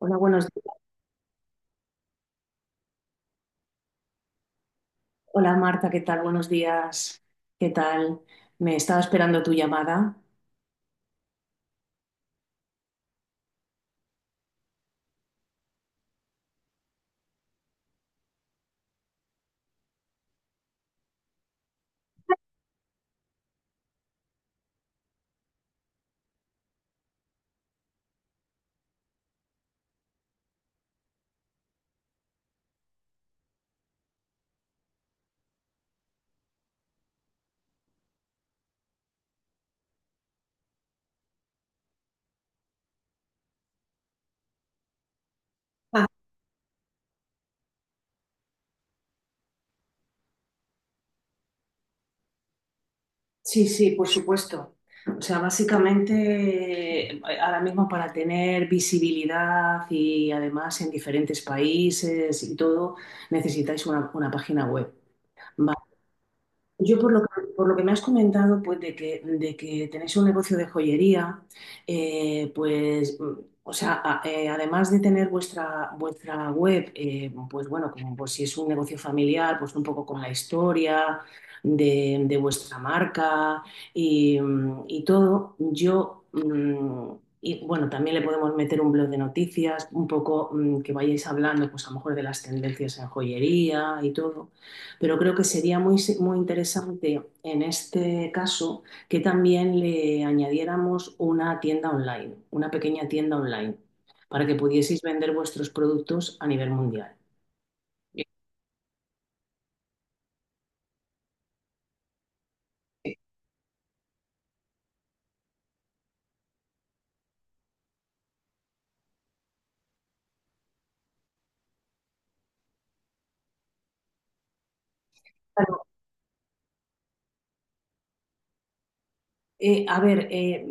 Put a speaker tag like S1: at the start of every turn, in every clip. S1: Hola, buenos días. Hola Marta, ¿qué tal? Buenos días. ¿Qué tal? Me estaba esperando tu llamada. Ah, sí, sí, por supuesto. O sea, básicamente ahora mismo para tener visibilidad y además en diferentes países y todo, necesitáis una página web. Yo por lo que me has comentado, pues de que tenéis un negocio de joyería, eh, pues, mm, o sea, además de tener vuestra web, pues bueno, como pues si es un negocio familiar, pues un poco con la historia de vuestra marca y todo, y bueno, también le podemos meter un blog de noticias, un poco, que vayáis hablando, pues a lo mejor de las tendencias en joyería y todo. Pero creo que sería muy interesante en este caso que también le añadiéramos una tienda online, una pequeña tienda online, para que pudieseis vender vuestros productos a nivel mundial. Eh, a ver, eh,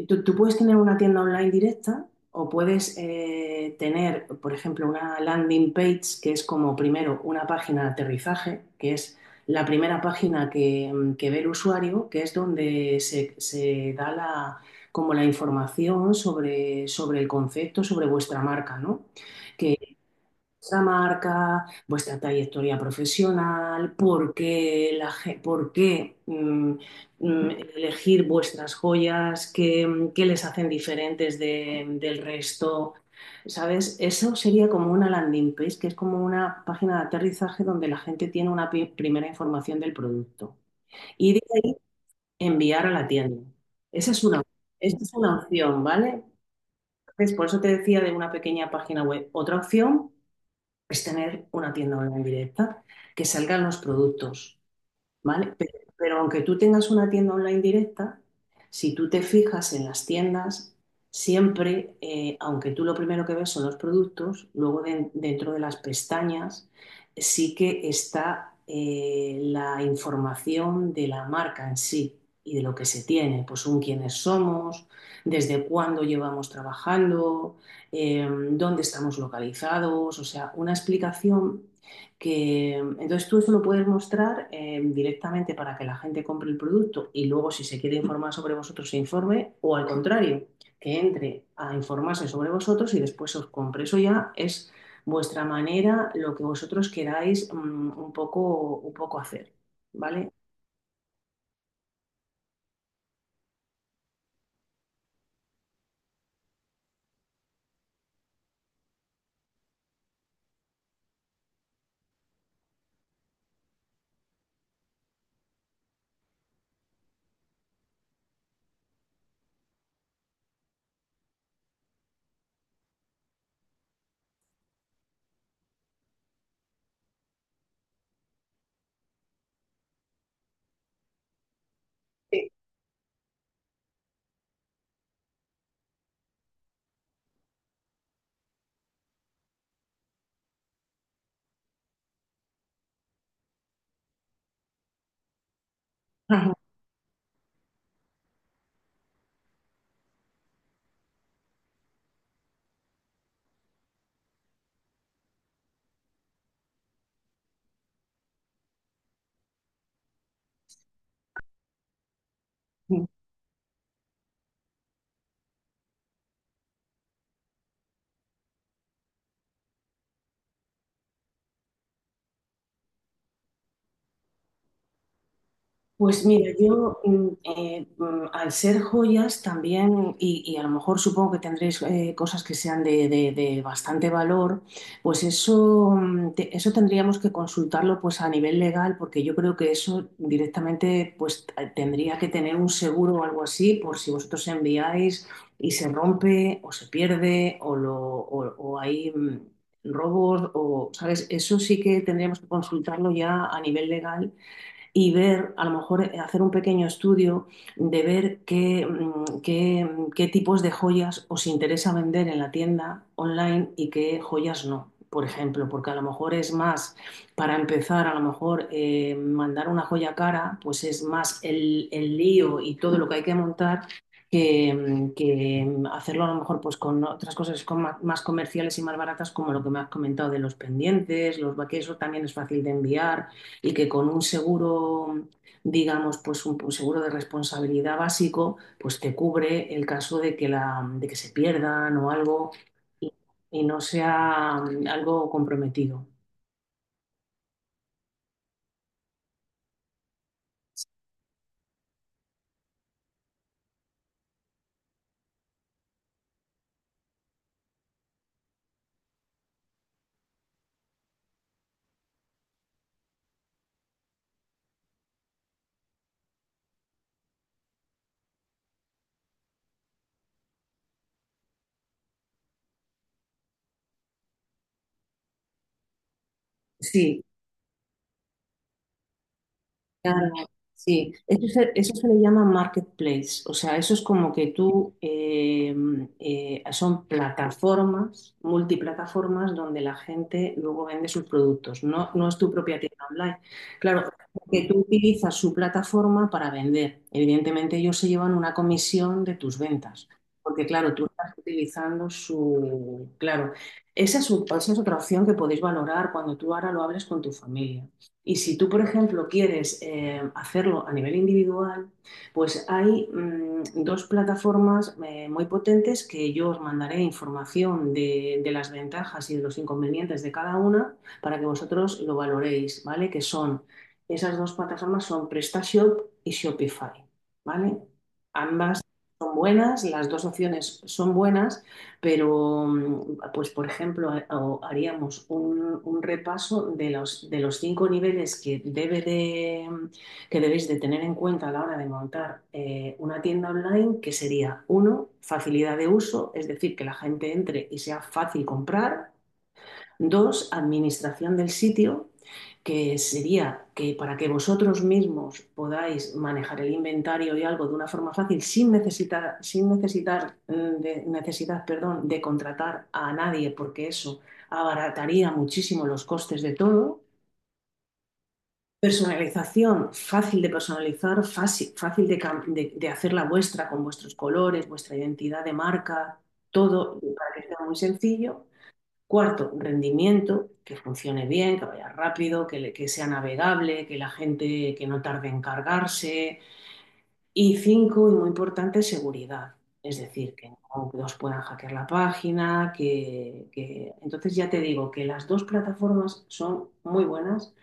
S1: mm, Tú puedes tener una tienda online directa o puedes tener, por ejemplo, una landing page, que es como primero una página de aterrizaje, que es la primera página que ve el usuario, que es donde se da como la información sobre el concepto, sobre vuestra marca, ¿no? Vuestra marca, vuestra trayectoria profesional, por qué mm, elegir vuestras joyas, qué les hacen diferentes del resto. ¿Sabes? Eso sería como una landing page, que es como una página de aterrizaje donde la gente tiene una primera información del producto. Y de ahí enviar a la tienda. Esa es una, esa es una opción, ¿vale? Entonces, por eso te decía de una pequeña página web. Otra opción es tener una tienda online directa, que salgan los productos, ¿vale? Pero aunque tú tengas una tienda online directa, si tú te fijas en las tiendas, siempre, aunque tú lo primero que ves son los productos, luego dentro de las pestañas sí que está la información de la marca en sí y de lo que se tiene, pues un quiénes somos, desde cuándo llevamos trabajando, dónde estamos localizados, o sea, una explicación que entonces tú eso lo puedes mostrar directamente para que la gente compre el producto y luego si se quiere informar sobre vosotros se informe, o al contrario, que entre a informarse sobre vosotros y después os compre. Eso ya es vuestra manera, lo que vosotros queráis un poco hacer, ¿vale? Pues mira, al ser joyas también, y a lo mejor supongo que tendréis cosas que sean de, de bastante valor, pues eso, eso tendríamos que consultarlo pues a nivel legal, porque yo creo que eso directamente pues tendría que tener un seguro o algo así, por si vosotros enviáis y se rompe o se pierde o hay robos o, ¿sabes? Eso sí que tendríamos que consultarlo ya a nivel legal y ver, a lo mejor hacer un pequeño estudio de ver qué, qué tipos de joyas os interesa vender en la tienda online y qué joyas no, por ejemplo, porque a lo mejor es más, para empezar, a lo mejor mandar una joya cara, pues es más lío y todo lo que hay que montar hacerlo a lo mejor pues con otras cosas con más, comerciales y más baratas, como lo que me has comentado de los pendientes, los que también es fácil de enviar, y que con un seguro, digamos, pues un seguro de responsabilidad básico, pues te cubre el caso de de que se pierdan o algo y, y no sea algo comprometido. Sí, claro, sí. Eso se le llama marketplace. O sea, eso es como que tú, son plataformas, multiplataformas, donde la gente luego vende sus productos. No, no es tu propia tienda online. Claro, que tú utilizas su plataforma para vender. Evidentemente ellos se llevan una comisión de tus ventas. Porque claro, tú estás utilizando su... Claro, esa es otra opción que podéis valorar cuando tú ahora lo hables con tu familia. Y si tú, por ejemplo, quieres hacerlo a nivel individual, pues hay dos plataformas muy potentes, que yo os mandaré información las ventajas y de los inconvenientes de cada una para que vosotros lo valoréis, ¿vale? Esas dos plataformas son PrestaShop y Shopify, ¿vale? Ambas son buenas, las dos opciones son buenas, pero, pues, por ejemplo, haríamos un repaso de de los cinco niveles que debéis de tener en cuenta a la hora de montar una tienda online, que sería, uno, facilidad de uso, es decir, que la gente entre y sea fácil comprar. Dos, administración del sitio, que sería que para que vosotros mismos podáis manejar el inventario y algo de una forma fácil sin necesitar, necesidad, perdón, de contratar a nadie, porque eso abarataría muchísimo los costes de todo. Personalización, fácil de personalizar, fácil, fácil de hacerla vuestra con vuestros colores, vuestra identidad de marca, todo para que sea muy sencillo. Cuarto, rendimiento, que funcione bien, que vaya rápido, que sea navegable, que la gente que no tarde en cargarse. Y cinco, y muy importante, seguridad. Es decir, que no que os puedan hackear la página, que... Entonces ya te digo que las dos plataformas son muy buenas,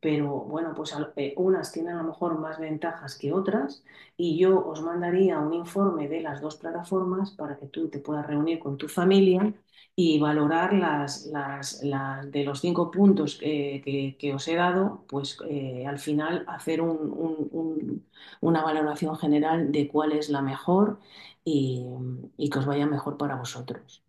S1: pero bueno, pues a unas tienen a lo mejor más ventajas que otras, y yo os mandaría un informe de las dos plataformas para que tú te puedas reunir con tu familia y valorar de los cinco puntos que os he dado, pues al final hacer una valoración general de cuál es la mejor y, y que os vaya mejor para vosotros.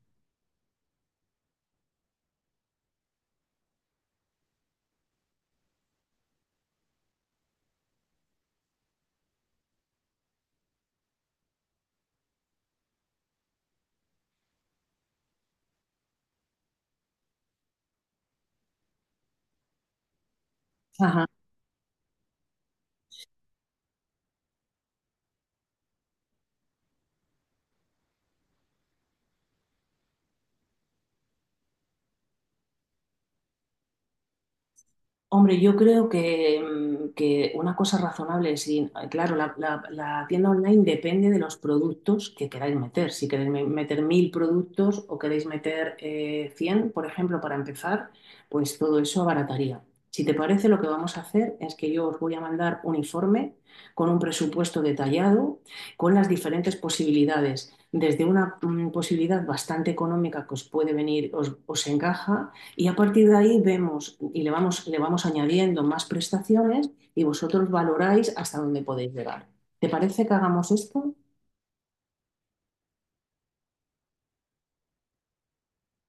S1: Ajá. Hombre, yo creo que una cosa razonable, sí, claro, la tienda online depende de los productos que queráis meter. Si queréis meter mil productos o queréis meter cien, por ejemplo, para empezar, pues todo eso abarataría. Si te parece, lo que vamos a hacer es que yo os voy a mandar un informe con un presupuesto detallado, con las diferentes posibilidades, desde una posibilidad bastante económica que os puede venir, os encaja, y a partir de ahí vemos y le vamos añadiendo más prestaciones y vosotros valoráis hasta dónde podéis llegar. ¿Te parece que hagamos esto?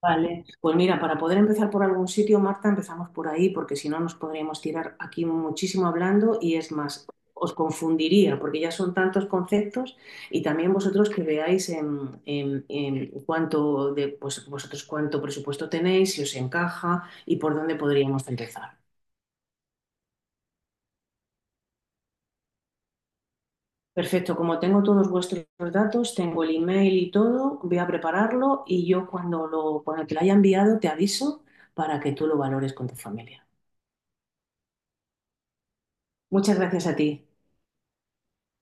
S1: Vale. Pues mira, para poder empezar por algún sitio, Marta, empezamos por ahí, porque si no nos podríamos tirar aquí muchísimo hablando, y es más, os confundiría, porque ya son tantos conceptos. Y también vosotros, que veáis en cuánto de, pues, vosotros cuánto presupuesto tenéis, si os encaja y por dónde podríamos empezar. Perfecto, como tengo todos vuestros datos, tengo el email y todo, voy a prepararlo, y yo cuando cuando te lo haya enviado te aviso para que tú lo valores con tu familia. Muchas gracias a ti.